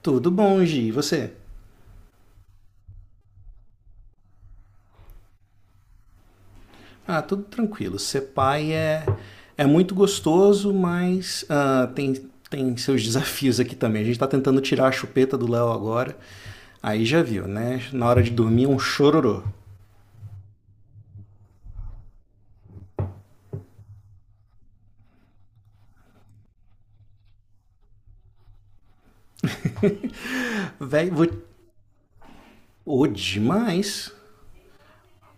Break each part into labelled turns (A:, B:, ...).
A: Tudo bom, Gi? E você? Ah, tudo tranquilo. Ser pai é muito gostoso, mas tem seus desafios aqui também. A gente está tentando tirar a chupeta do Léo agora. Aí já viu, né? Na hora de dormir, é um chororô. Véi, vou. Ô, demais.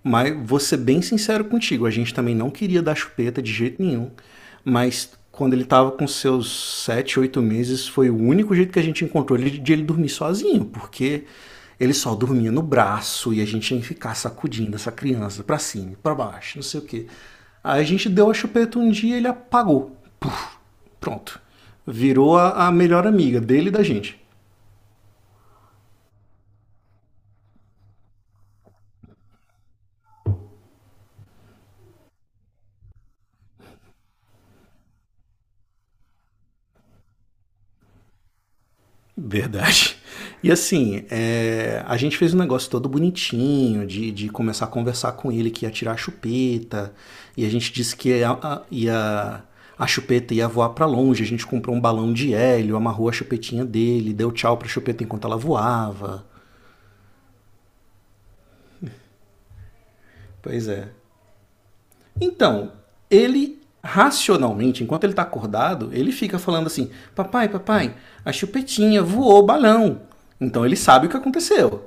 A: Mas vou ser bem sincero contigo, a gente também não queria dar chupeta de jeito nenhum. Mas quando ele estava com seus 7, 8 meses, foi o único jeito que a gente encontrou de ele dormir sozinho, porque ele só dormia no braço e a gente tinha que ficar sacudindo essa criança pra cima, pra baixo, não sei o quê. Aí a gente deu a chupeta um dia e ele apagou. Puf, pronto. Virou a melhor amiga dele e da gente. Verdade. E assim, a gente fez um negócio todo bonitinho, de começar a conversar com ele que ia tirar a chupeta, e a gente disse que a chupeta ia voar pra longe, a gente comprou um balão de hélio, amarrou a chupetinha dele, deu tchau pra chupeta enquanto ela voava. Pois é. Então, ele racionalmente, enquanto ele está acordado, ele fica falando assim: Papai, papai, a chupetinha voou o balão. Então ele sabe o que aconteceu.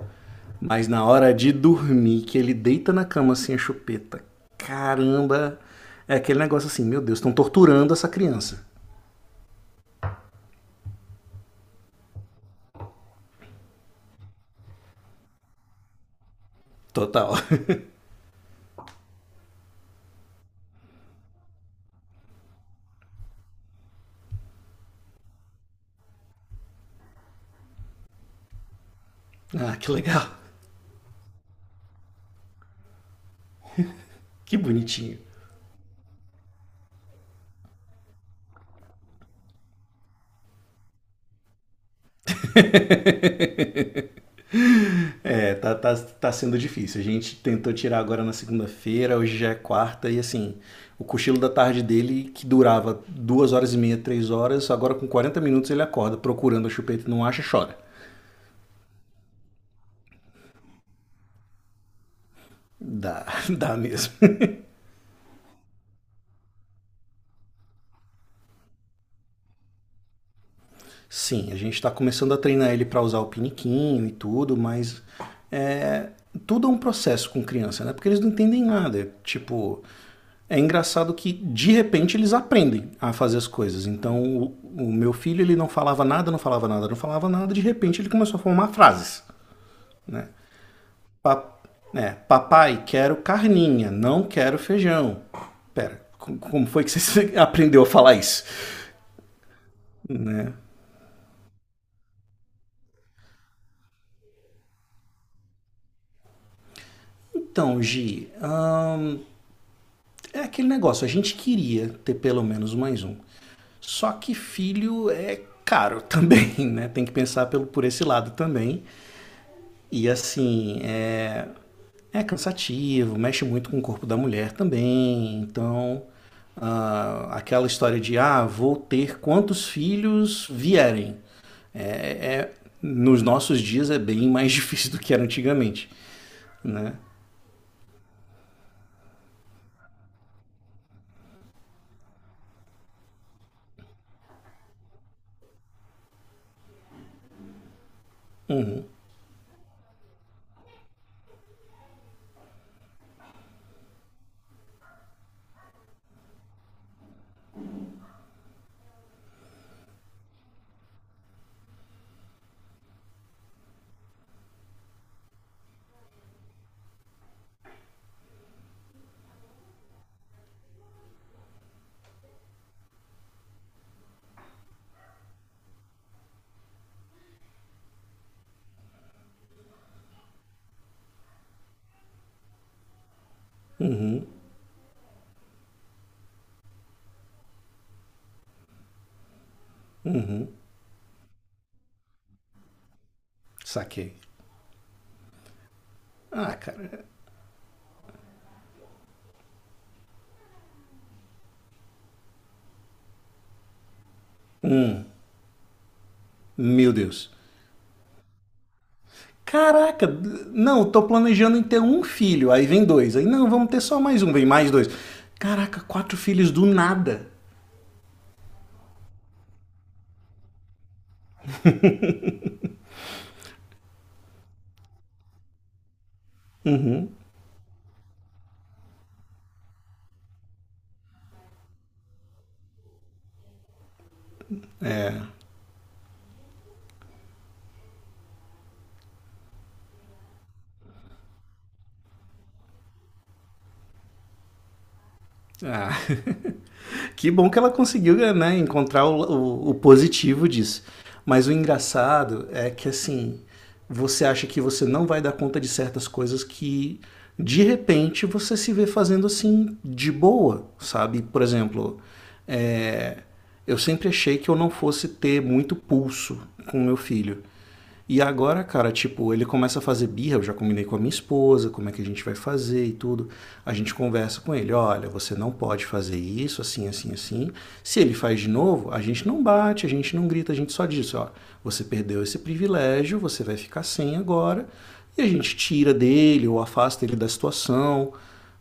A: Mas na hora de dormir, que ele deita na cama assim a chupeta, caramba, é aquele negócio assim: Meu Deus, estão torturando essa criança. Total. Ah, que legal. Que bonitinho. É, tá, tá, tá sendo difícil. A gente tentou tirar agora na segunda-feira, hoje já é quarta, e assim, o cochilo da tarde dele, que durava 2 horas e meia, 3 horas, agora com 40 minutos ele acorda procurando a chupeta e não acha, chora. Dá, dá mesmo. Sim, a gente tá começando a treinar ele para usar o piniquinho e tudo, mas tudo é um processo com criança, né? Porque eles não entendem nada. Tipo, é engraçado que de repente eles aprendem a fazer as coisas. Então, o meu filho, ele não falava nada, não falava nada, não falava nada, de repente ele começou a formar frases, né? Pa- né, papai, quero carninha, não quero feijão. Pera, como foi que você aprendeu a falar isso? Né? Então, Gi, é aquele negócio, a gente queria ter pelo menos mais um. Só que filho é caro também, né? Tem que pensar pelo, por esse lado também. E assim, é cansativo, mexe muito com o corpo da mulher também. Então, ah, aquela história de, ah, vou ter quantos filhos vierem. Nos nossos dias é bem mais difícil do que era antigamente, né? Saquei. Ah, cara, meu Deus. Caraca, não, tô planejando em ter um filho. Aí vem dois. Aí, não, vamos ter só mais um, vem mais dois. Caraca, quatro filhos do nada. Ah, que bom que ela conseguiu né, encontrar o positivo disso. Mas o engraçado é que assim, você acha que você não vai dar conta de certas coisas que de repente você se vê fazendo assim de boa, sabe? Por exemplo, é, eu sempre achei que eu não fosse ter muito pulso com meu filho. E agora, cara, tipo, ele começa a fazer birra, eu já combinei com a minha esposa, como é que a gente vai fazer e tudo. A gente conversa com ele, olha, você não pode fazer isso, assim, assim, assim. Se ele faz de novo, a gente não bate, a gente não grita, a gente só diz, ó, você perdeu esse privilégio, você vai ficar sem agora. E a gente tira dele ou afasta ele da situação,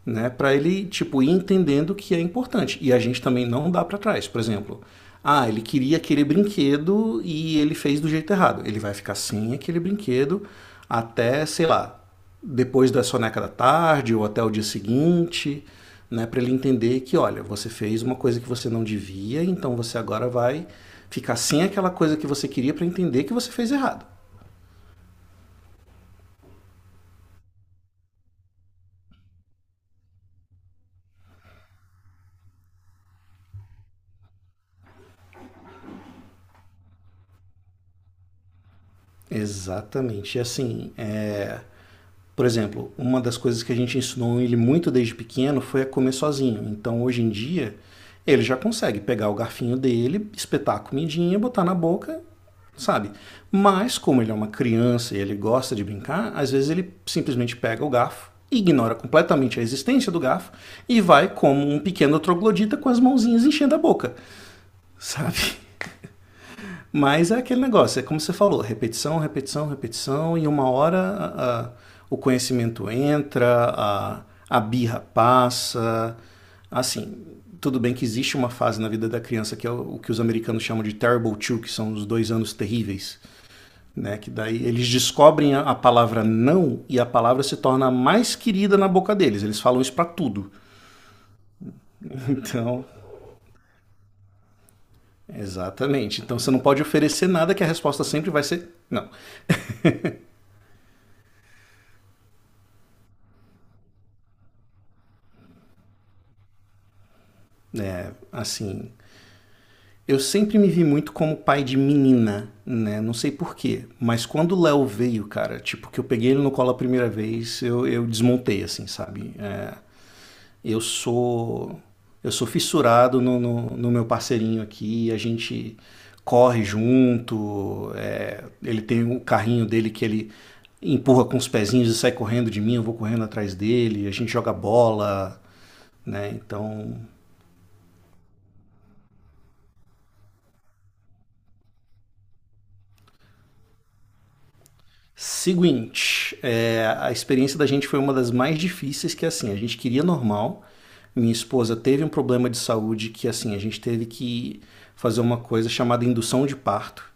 A: né? Para ele tipo ir entendendo o que é importante. E a gente também não dá para trás, por exemplo. Ah, ele queria aquele brinquedo e ele fez do jeito errado. Ele vai ficar sem aquele brinquedo até, sei lá, depois da soneca da tarde ou até o dia seguinte, né, para ele entender que, olha, você fez uma coisa que você não devia, então você agora vai ficar sem aquela coisa que você queria para entender que você fez errado. Exatamente. E assim, é, por exemplo, uma das coisas que a gente ensinou ele muito desde pequeno foi a comer sozinho. Então, hoje em dia, ele já consegue pegar o garfinho dele, espetar a comidinha, botar na boca, sabe? Mas, como ele é uma criança e ele gosta de brincar, às vezes ele simplesmente pega o garfo, ignora completamente a existência do garfo e vai como um pequeno troglodita com as mãozinhas enchendo a boca, sabe? Mas é aquele negócio, é como você falou, repetição, repetição, repetição, e uma hora o conhecimento entra, a birra passa. Assim, tudo bem que existe uma fase na vida da criança que é o que os americanos chamam de terrible two, que são os 2 anos terríveis. Né, que daí eles descobrem a palavra não e a palavra se torna mais querida na boca deles. Eles falam isso pra tudo. Então, exatamente. Então você não pode oferecer nada que a resposta sempre vai ser não. Assim, eu sempre me vi muito como pai de menina, né? Não sei porquê, mas quando o Léo veio, cara, tipo, que eu peguei ele no colo a primeira vez, eu desmontei, assim, sabe? É, eu sou. Eu sou fissurado no meu parceirinho aqui, a gente corre junto, ele tem o carrinho dele que ele empurra com os pezinhos e sai correndo de mim, eu vou correndo atrás dele, a gente joga bola, né? Então, seguinte, a experiência da gente foi uma das mais difíceis, que é assim, a gente queria normal. Minha esposa teve um problema de saúde que assim, a gente teve que fazer uma coisa chamada indução de parto.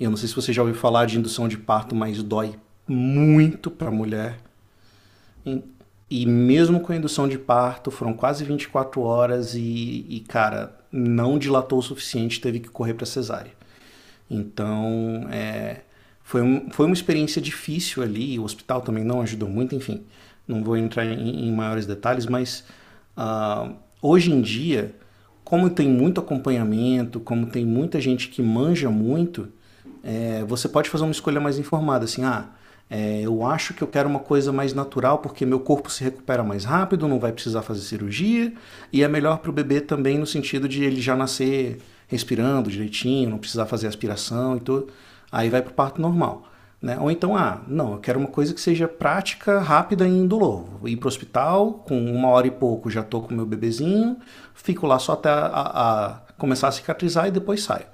A: Eu não sei se você já ouviu falar de indução de parto, mas dói muito para a mulher. E- Mesmo com a indução de parto, foram quase 24 horas cara, não dilatou o suficiente, teve que correr para cesárea. Então, é, foi uma experiência difícil ali, o hospital também não ajudou muito, enfim, não vou entrar em maiores detalhes, mas ah, hoje em dia, como tem muito acompanhamento, como tem muita gente que manja muito, você pode fazer uma escolha mais informada, assim, ah, eu acho que eu quero uma coisa mais natural porque meu corpo se recupera mais rápido, não vai precisar fazer cirurgia e é melhor para o bebê também no sentido de ele já nascer respirando direitinho, não precisar fazer aspiração e tudo. Aí vai para o parto normal. Né? Ou então, ah, não, eu quero uma coisa que seja prática, rápida e indolor. Vou ir para o hospital, com uma hora e pouco já estou com o meu bebezinho, fico lá só até a começar a cicatrizar e depois saio.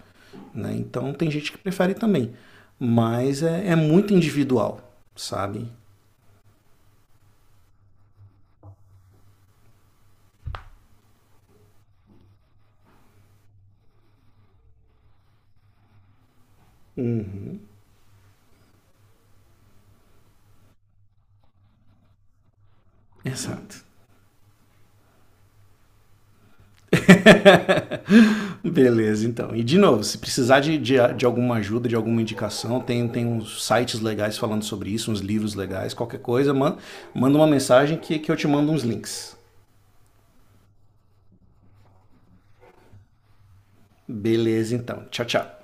A: Né? Então tem gente que prefere também. Mas é, é muito individual, sabe? Exato. Beleza, então. E de novo, se precisar de alguma ajuda, de alguma indicação, tem, uns sites legais falando sobre isso, uns livros legais, qualquer coisa, manda uma mensagem que eu te mando uns links. Beleza, então. Tchau, tchau.